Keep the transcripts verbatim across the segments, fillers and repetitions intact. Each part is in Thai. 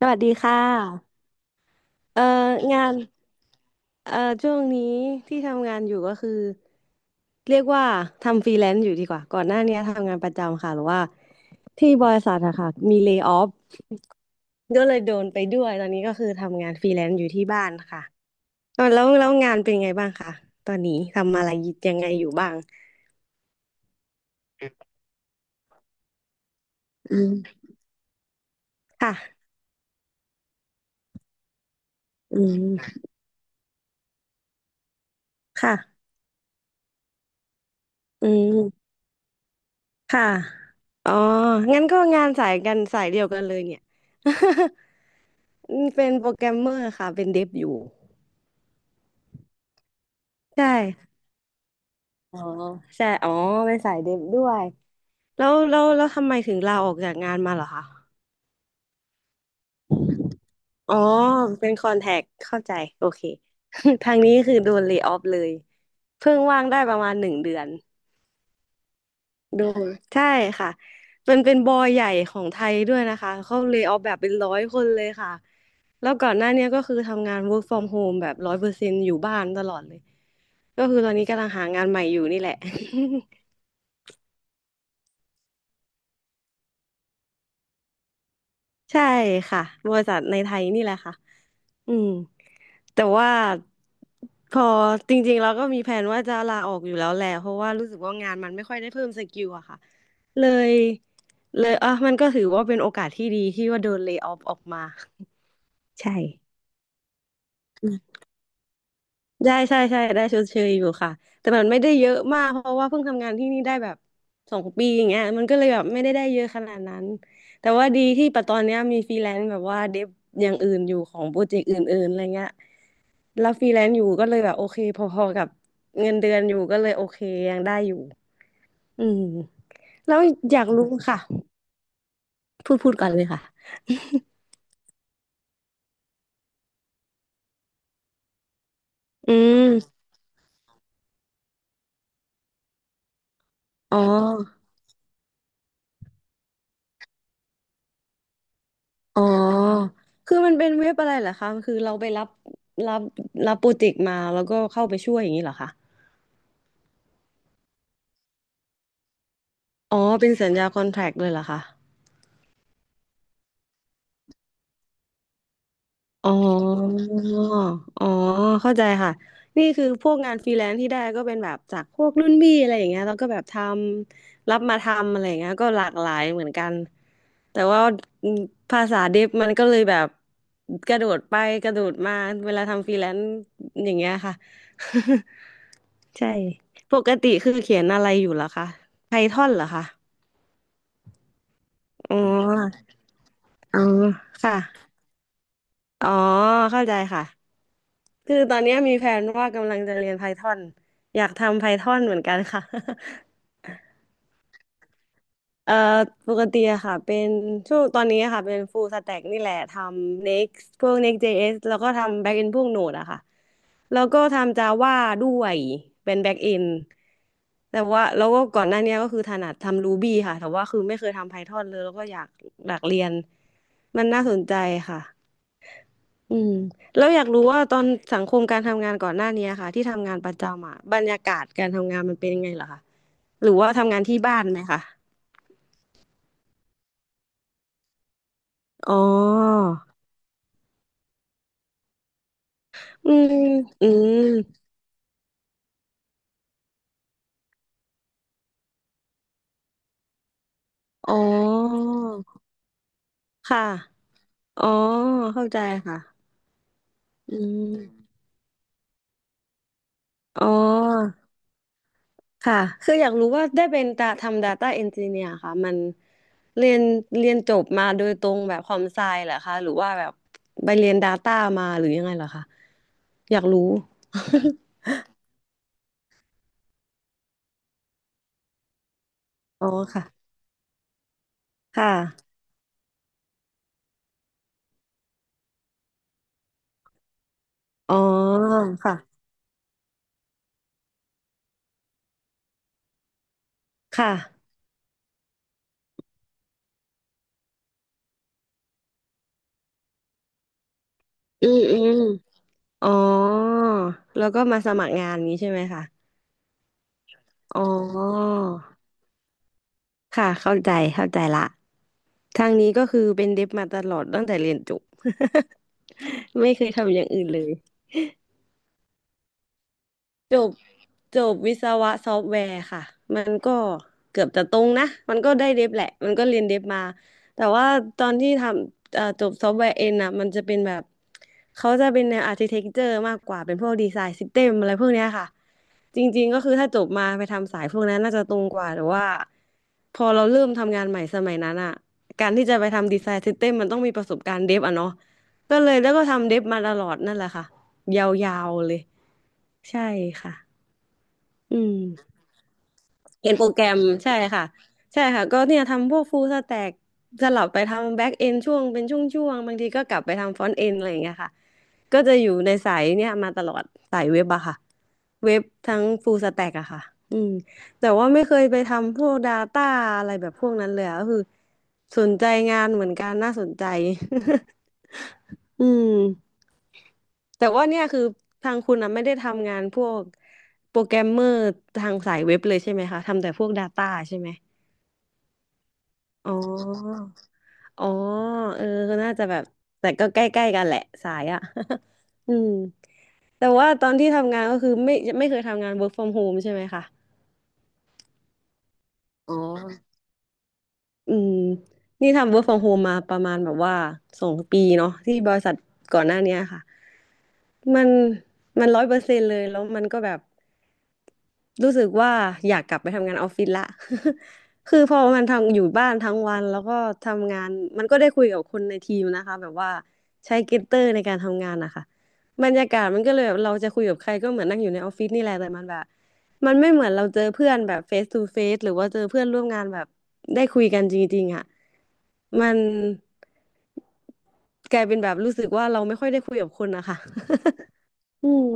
สวัสดีค่ะเอ่องานเอ่อช่วงนี้ที่ทำงานอยู่ก็คือเรียกว่าทำฟรีแลนซ์อยู่ดีกว่าก่อนหน้านี้ทำงานประจำค่ะหรือว่าที่บริษัทอะค่ะมีเล y off ก็เลยโดนไปด้วยตอนนี้ก็คือทำงานฟรีแลนซ์อยู่ที่บ้านค่ะเอ่อแล้วแล้วงานเป็นไงบ้างคะตอนนี้ทำอะไรยังไงอยู่บ้างอืมค่ะอืมค่ะอืมค่ะอ๋องั้นก็งานสายกันสายเดียวกันเลยเนี่ย อืมเป็นโปรแกรมเมอร์ค่ะเป็นเดฟอยู่ใช่อ๋อใช่อ๋อเป็นสายเดฟด้วยแล้วแล้วแล้วทำไมถึงลาออกจากงานมาเหรอคะอ๋อเป็นคอนแทคเข้าใจโอเค ทางนี้คือโดนเล y off เลยเพิ่งว่างได้ประมาณหนึ่งเดือนโดูใช่ค่ะเป็นเป็นบอยใหญ่ของไทยด้วยนะคะเขาเล y off แบบเป็นร้อยคนเลยค่ะ แล้วก่อนหน้าเนี้ยก็คือทำงาน work from home แบบร้อยเปอร์เซ็นต์อยู่บ้านตลอดเลย ก็คือตอนนี้กำลังหางานใหม่อยู่นี่แหละ ใช่ค่ะบริษัทในไทยนี่แหละค่ะอืมแต่ว่า พอจริงๆเราก็มีแผนว่าจะลาออกอยู่แล้วแหละ เพราะว่ารู้สึกว่างานมันไม่ค่อยได้เพิ่มสกิลอะค่ะ เลยเลยอ่ะมันก็ถือว่าเป็นโอกาสที่ดีที่ว่าโดนเลย์ออฟออกมา ใช่ ได้ใช่ใช่ได้ชดเชยอยู่ค่ะแต่มันไม่ได้เยอะมากเพราะว่าเพิ่งทำงานที่นี่ได้แบบสองปีอย่างเงี้ยมันก็เลยแบบไม่ได้ได้เยอะขนาดนั้นแต่ว่าดีที่ปัจจุบันเนี้ยมีฟรีแลนซ์แบบว่าเดฟอย่างอื่นอยู่ของโปรเจกต์อื่นๆอะไรเงี้ยแล้วฟรีแลนซ์อยู่ก็เลยแบบโอเคพอๆกับเงินเดือนอยู่ก็เลยโอเคยังได้อยู่อืมแล้วอยากรู้ค่ะพูดพูดก่อนเลยค่ะ อืมอ๋อ อ๋อคือมันเป็นเว็บอะไรเหรอคะคือเราไปรับรับรับโปรเจกต์มาแล้วก็เข้าไปช่วยอย่างนี้เหรอคะอ๋อเป็นสัญญาคอนแทรคเลยเหรอคะอ๋ออ๋อเข้าใจค่ะ นี่คือพวกงานฟรีแลนซ์ที่ได้ก็เป็นแบบจากพวกรุ่นพี่อะไรอย่างเงี้ยแล้วก็แบบทำรับมาทำอะไรอย่างเงี้ยก็หลากหลายเหมือนกัน แต่ว่าอืมภาษาเดฟมันก็เลยแบบกระโดดไปกระโดดมา เวลาทำฟรีแลนซ์อย่างเงี้ยค่ะ ใช่ ปกติคือเขียนอะไรอยู่เหรอคะไพทอนเหรอคะอ๋ออ๋อ ค่ะ อ๋อเข้าใจค่ะ คือตอนเนี้ยมีแผนว่ากำลังจะเรียนไพทอนอยากทำไพทอนเหมือนกันค่ะ เอ่อปกติอะค่ะเป็นช่วงตอนนี้อะค่ะเป็น full stack นี่แหละทำ Next พวก Next.js แล้วก็ทำ backend พวก Node อะค่ะ แล้วก็ทำ Java ด้วยเป็นแบ็กเอนแต่ว่าแล้วก็ก่อนหน้าเนี้ยก็คือถนัดทำ Ruby ค่ะแต่ว่าคือไม่เคยทำ Python เลยแล้วก็อยากอยากเรียนมันน่าสนใจค่ะอืมแล้วอยากรู้ว่าตอนสังคมการทำงานก่อนหน้าเนี้ยค่ะที่ทำงานประจำอ่ะบรรยากาศการทำงานมันเป็นยังไงเหรอคะหรือว่าทำงานที่บ้านไหมคะอ๋อ อืมอืมอ๋อ ค่ะ อ๋อเข้าใจค่ะอืมอ๋อ ค่ะ คืออยากรู้ว่าได้เป็นตาทำ Data Engineer ค่ะมันเรียนเรียนจบมาโดยตรงแบบคอมไซเหรอคะหรือว่าแบบไปเรียน Data มาหรือยังไงเหรอคะอยากรู้ อ๋อค่ะค่ะอ๋อค่ะค่ะอืมอืมอ๋อแล้วก็มาสมัครงานนี้ใช่ไหมคะอ๋อค่ะเข้าใจเข้าใจละทางนี้ก็คือเป็นเดฟมาตลอดตั้งแต่เรียนจบ ไม่เคยทำอย่างอื่นเลย จบจบวิศวะซอฟต์แวร์ค่ะมันก็เกือบจะตรงนะมันก็ได้เดฟแหละมันก็เรียนเดฟมาแต่ว่าตอนที่ทำเอ่อจบซอฟต์แวร์เอ็นอ่ะมันจะเป็นแบบเขาจะเป็นแนวอาร์ติเทคเจอร์มากกว่าเป็นพวกดีไซน์ซิสเต็มอะไรพวกเนี้ยค่ะจริงๆก็คือถ้าจบมาไปทำสายพวกนั้นน่าจะตรงกว่าแต่ว่าพอเราเริ่มทำงานใหม่สมัยนั้นอ่ะการที่จะไปทำดีไซน์ซิสเต็มมันต้องมีประสบการณ์เดฟอ่ะเนาะก็เลยแล้วก็ทำเดฟมาตลอดนั่นแหละค่ะยาวๆเลยใช่ค่ะ อืมเขียนโปรแกรมใช่ค่ะใช่ค่ะก็เนี่ยทำพวกฟูลสแต็กสลับไปทำแบ็กเอนช่วงเป็นช่วงๆบางทีก็กลับไปทำฟรอนต์เอนอะไรอย่างเงี้ยค่ะก็จะอยู่ในสายเนี่ยมาตลอดสายเว็บอะค่ะเว็บทั้งฟูลสแต็กอะค่ะอืมแต่ว่าไม่เคยไปทำพวก Data อะไรแบบพวกนั้นเลยอะก็คือสนใจงานเหมือนกันน่าสนใจ อืม แต่ว่าเนี่ยคือทางคุณนะไม่ได้ทำงานพวกโปรแกรมเมอร์ทางสายเว็บเลยใช่ไหมคะทำแต่พวก Data ใช่ไหม อ๋อ อ๋อเออก็น่าจะแบบแต่ก็ใกล้ๆกันแหละสายอ่ะ อืมแต่ว่าตอนที่ทำงานก็คือไม่ไม่เคยทำงาน work from home ใช่ไหมคะ อ๋อ อืมนี่ทำ work from home มาประมาณแบบว่าสองปีเนาะที่บริษัทก่อนหน้าเนี้ยค่ะ มันมันร้อยเปอร์เซ็นต์เลยแล้วมันก็แบบรู้สึกว่าอยากกลับไปทำงานออฟฟิศละ คือพอมันทำอยู่บ้านทั้งวันแล้วก็ทำงานมันก็ได้คุยกับคนในทีมนะคะแบบว่าใช้เกตเตอร์ในการทำงานนะคะบรรยากาศมันก็เลยแบบเราจะคุยกับใครก็เหมือนนั่งอยู่ในออฟฟิศนี่แหละแต่มันแบบมันไม่เหมือนเราเจอเพื่อนแบบเฟสทูเฟสหรือว่าเจอเพื่อนร่วมงานแบบได้คุยกันจริงๆอ่ะมันกลายเป็นแบบรู้สึกว่าเราไม่ค่อยได้คุยกับคนนะคะ อืม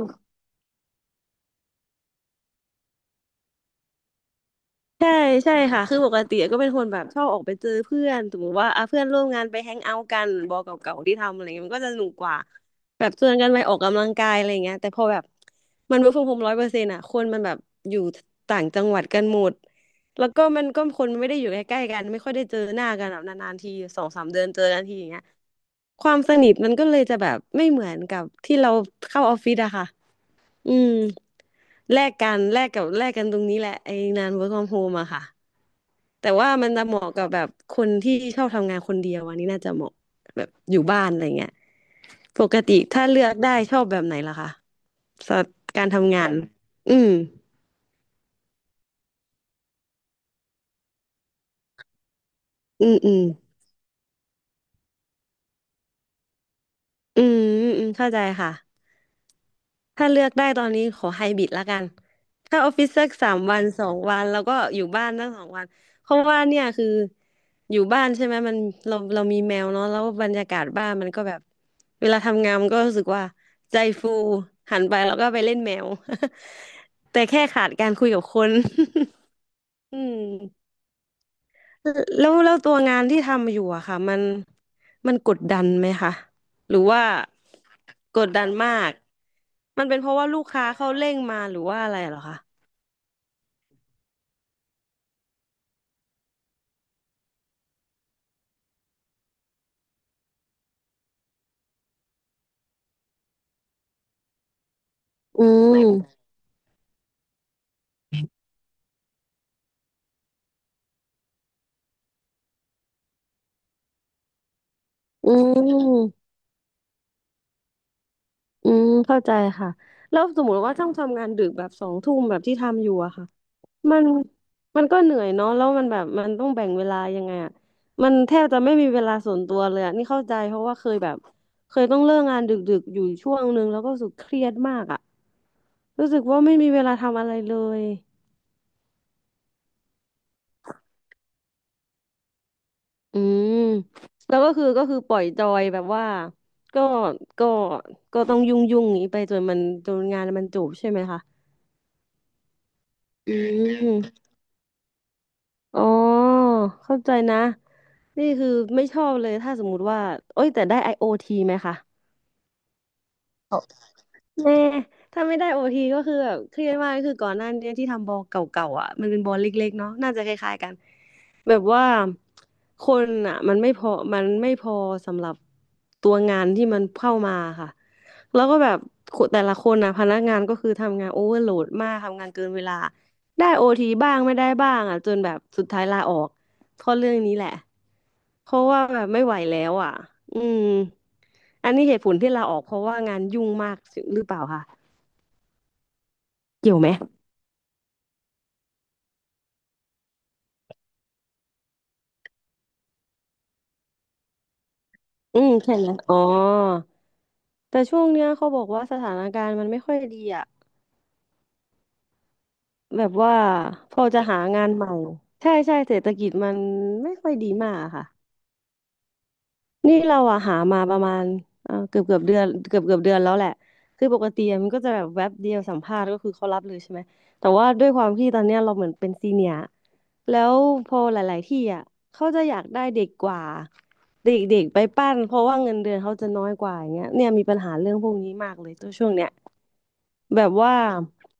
ใช่ใช่ค่ะคือปกติก็เป็นคนแบบชอบออกไปเจอเพื่อนสมมติว่าอ่ะเพื่อนร่วมงานไปแฮงเอาท์กันบอเก่าๆที่ทำอะไรเงี้ยมันก็จะสนุกกว่าแบบชวนกันไปออกกำลังกายอะไรเงี้ยแต่พอแบบมันเวิร์กฟรอมโฮมร้อยเปอร์เซ็นต์อ่ะคนมันแบบอยู่ต่างจังหวัดกันหมดแล้วก็มันก็คนไม่ได้อยู่ใกล้ๆกันไม่ค่อยได้เจอหน้ากันแบบนานๆทีสองสามเดือนเจอกันทีอย่างเงี้ยความสนิทมันก็เลยจะแบบไม่เหมือนกับที่เราเข้าออฟฟิศอะค่ะอืม แลกกันแลกกับแลกกันตรงนี้แหละไอ้งาน work from home อะค่ะแต่ว่ามันจะเหมาะกับแบบคนที่ชอบทำงานคนเดียวอันนี้น่าจะเหมาะแบบอยู่บ้านอะไรเงี้ยปกติถ้าเลือกได้ชอบแบบไหนล่ะคะสำหรับการทำงานอืมอืมอืมอืมอืมเข้าใจค่ะ ถ้าเลือกได้ตอนนี้ขอไฮบริดละกัน ถ้าออฟฟิศสักสามวันสองวันแล้วก็อยู่บ้านตั้งสองวัน เพราะว่าเนี่ยคืออยู่บ้านใช่ไหมมันเราเรามีแมวเนาะแล้วบรรยากาศบ้านมันก็แบบเวลาทำงานมันก็รู้สึกว่าใจฟูหันไปแล้วก็ไปเล่นแมว แต่แค่ขาดการคุยกับคน อืม แล้วแล้วตัวงานที่ทำอยู่อะค่ะมันมันกดดันไหมคะหรือว่ากดดันมากมันเป็นเพราะว่าลูกค้าเขาเร่งมาหรือว่าอะไรเหรอคะอืมอืมอืมเข้าใจค่ะแล้วสมมติว่าต้องทำงานดึกแบบสองทุ่มแบบที่ทำอยู่อะค่ะ มันมันก็เหนื่อยเนาะแล้วมันแบบมันต้องแบ่งเวลายังไงอ่ะมันแทบจะไม่มีเวลาส่วนตัวเลยอ่ะนี่เข้าใจเพราะว่าเคยแบบเคยต้องเลิกงานดึกๆอยู่ช่วงนึงแล้วก็รู้สึกเครียดมากอ่ะรู้สึกว่าไม่มีเวลาทำอะไรเลยอืมแล้วก็คือก็คือปล่อยจอยแบบว่าก็ก็ก็ต้องยุ่งยุ่งนี้ไปจนมันจนงานมันจบใช่ไหมคะอืม อ๋อเข้าใจนะนี่คือไม่ชอบเลยถ้าสมมุติว่าโอ้ยแต่ได้ IoT ไหมคะแน่ถ้าไม่ได้ โอ ที ก็คือแบบเครียดมากคือก่อนหน้านี้ที่ทำบอลเก่าๆอ่ะมันเป็นบอลเล็กๆเนาะน่าจะคล้ายๆกัน แบบว่าคนอ่ะมันไม่พอมันไม่พอสำหรับตัวงานที่มันเข้ามาค่ะแล้วก็แบบแต่ละคนนะพนักงานก็คือทำงานโอเวอร์โหลดมากทำงานเกินเวลาได้โอทีบ้างไม่ได้บ้างอ่ะจนแบบสุดท้ายลาออกเพราะเรื่องนี้แหละเพราะว่าแบบไม่ไหวแล้วอ่ะอืมอันนี้เหตุผลที่ลาออกเพราะว่างานยุ่งมากหรือเปล่าคะเกี่ยวไหมอืมใช่ไหมอ๋อแต่ช่วงเนี้ยเขาบอกว่าสถานการณ์มันไม่ค่อยดีอ่ะ แบบว่าพอจะหางานใหม่ใช่ใช่เศรษฐกิจมันไม่ค่อยดีมากอะค่ะนี่เราอะหามาประมาณเออเกือบเกือบเดือนเกือบเกือบเดือนแล้วแหละคือปกติอะมันก็จะแบบแวบเดียวสัมภาษณ์ก็คือเขารับเลยใช่ไหมแต่ว่าด้วยความที่ตอนเนี้ยเราเหมือนเป็นซีเนียร์แล้วพอหลายๆที่อะเขาจะอยากได้เด็กกว่าเด็กๆ ไปปั้นเพราะว่าเงินเดือนเขาจะน้อยกว่าอย่างเงี้ยเนี่ยมีปัญหาเรื่องพวกนี้มากเลยตัวช่วงเนี้ย แบบว่า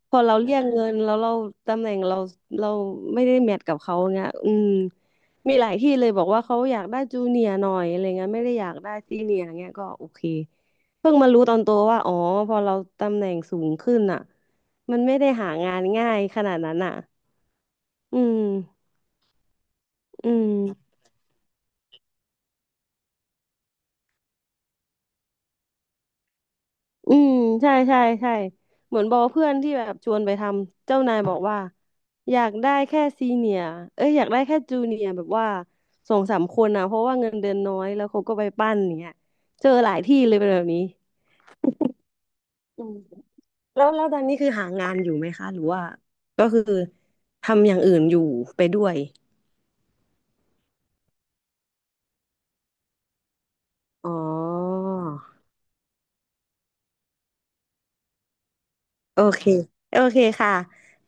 พอเราเรียกเงินแล้วเราตำแหน่งเราเราไม่ได้แมทกับเขาเงี้ยอืมมีหลายที่เลยบอกว่าเขาอยากได้จูเนียร์หน่อยอะไรเงี้ยไม่ได้อยากได้ซีเนียร์เงี้ยก็โอเคเพิ่งมารู้ตอนโตว่าอ๋อพอเราตำแหน่งสูงขึ้นอ่ะมันไม่ได้หางานง่ายขนาดนั้นอ่ะอืมอืม อืมใช่ใช่ใช่เหมือนบอกเพื่อนที่แบบชวนไปทำเจ้านายบอกว่าอยากได้แค่ซีเนียเอ้ยอยากได้แค่จูเนียแบบว่าสองสามคนนะเพราะว่าเงินเดือนน้อยแล้วเขาก็ไปปั้นอย่างเงี้ยเจอหลายที่เลยเป็นแบบนี้อืมแล้วแล้วตอนนี้คือหางานอยู่ไหมคะหรือว่าก็คือทำอย่างอื่นอยู่ไปด้วยอ๋อโอเคโอเคค่ะ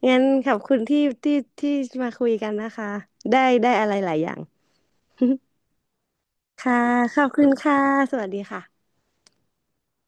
งั้นขอบคุณที่ที่ที่มาคุยกันนะคะได้ได้อะไรหลายอย่าง ค่ะ ขอบคุณค่ะ สวัสดีค่ะ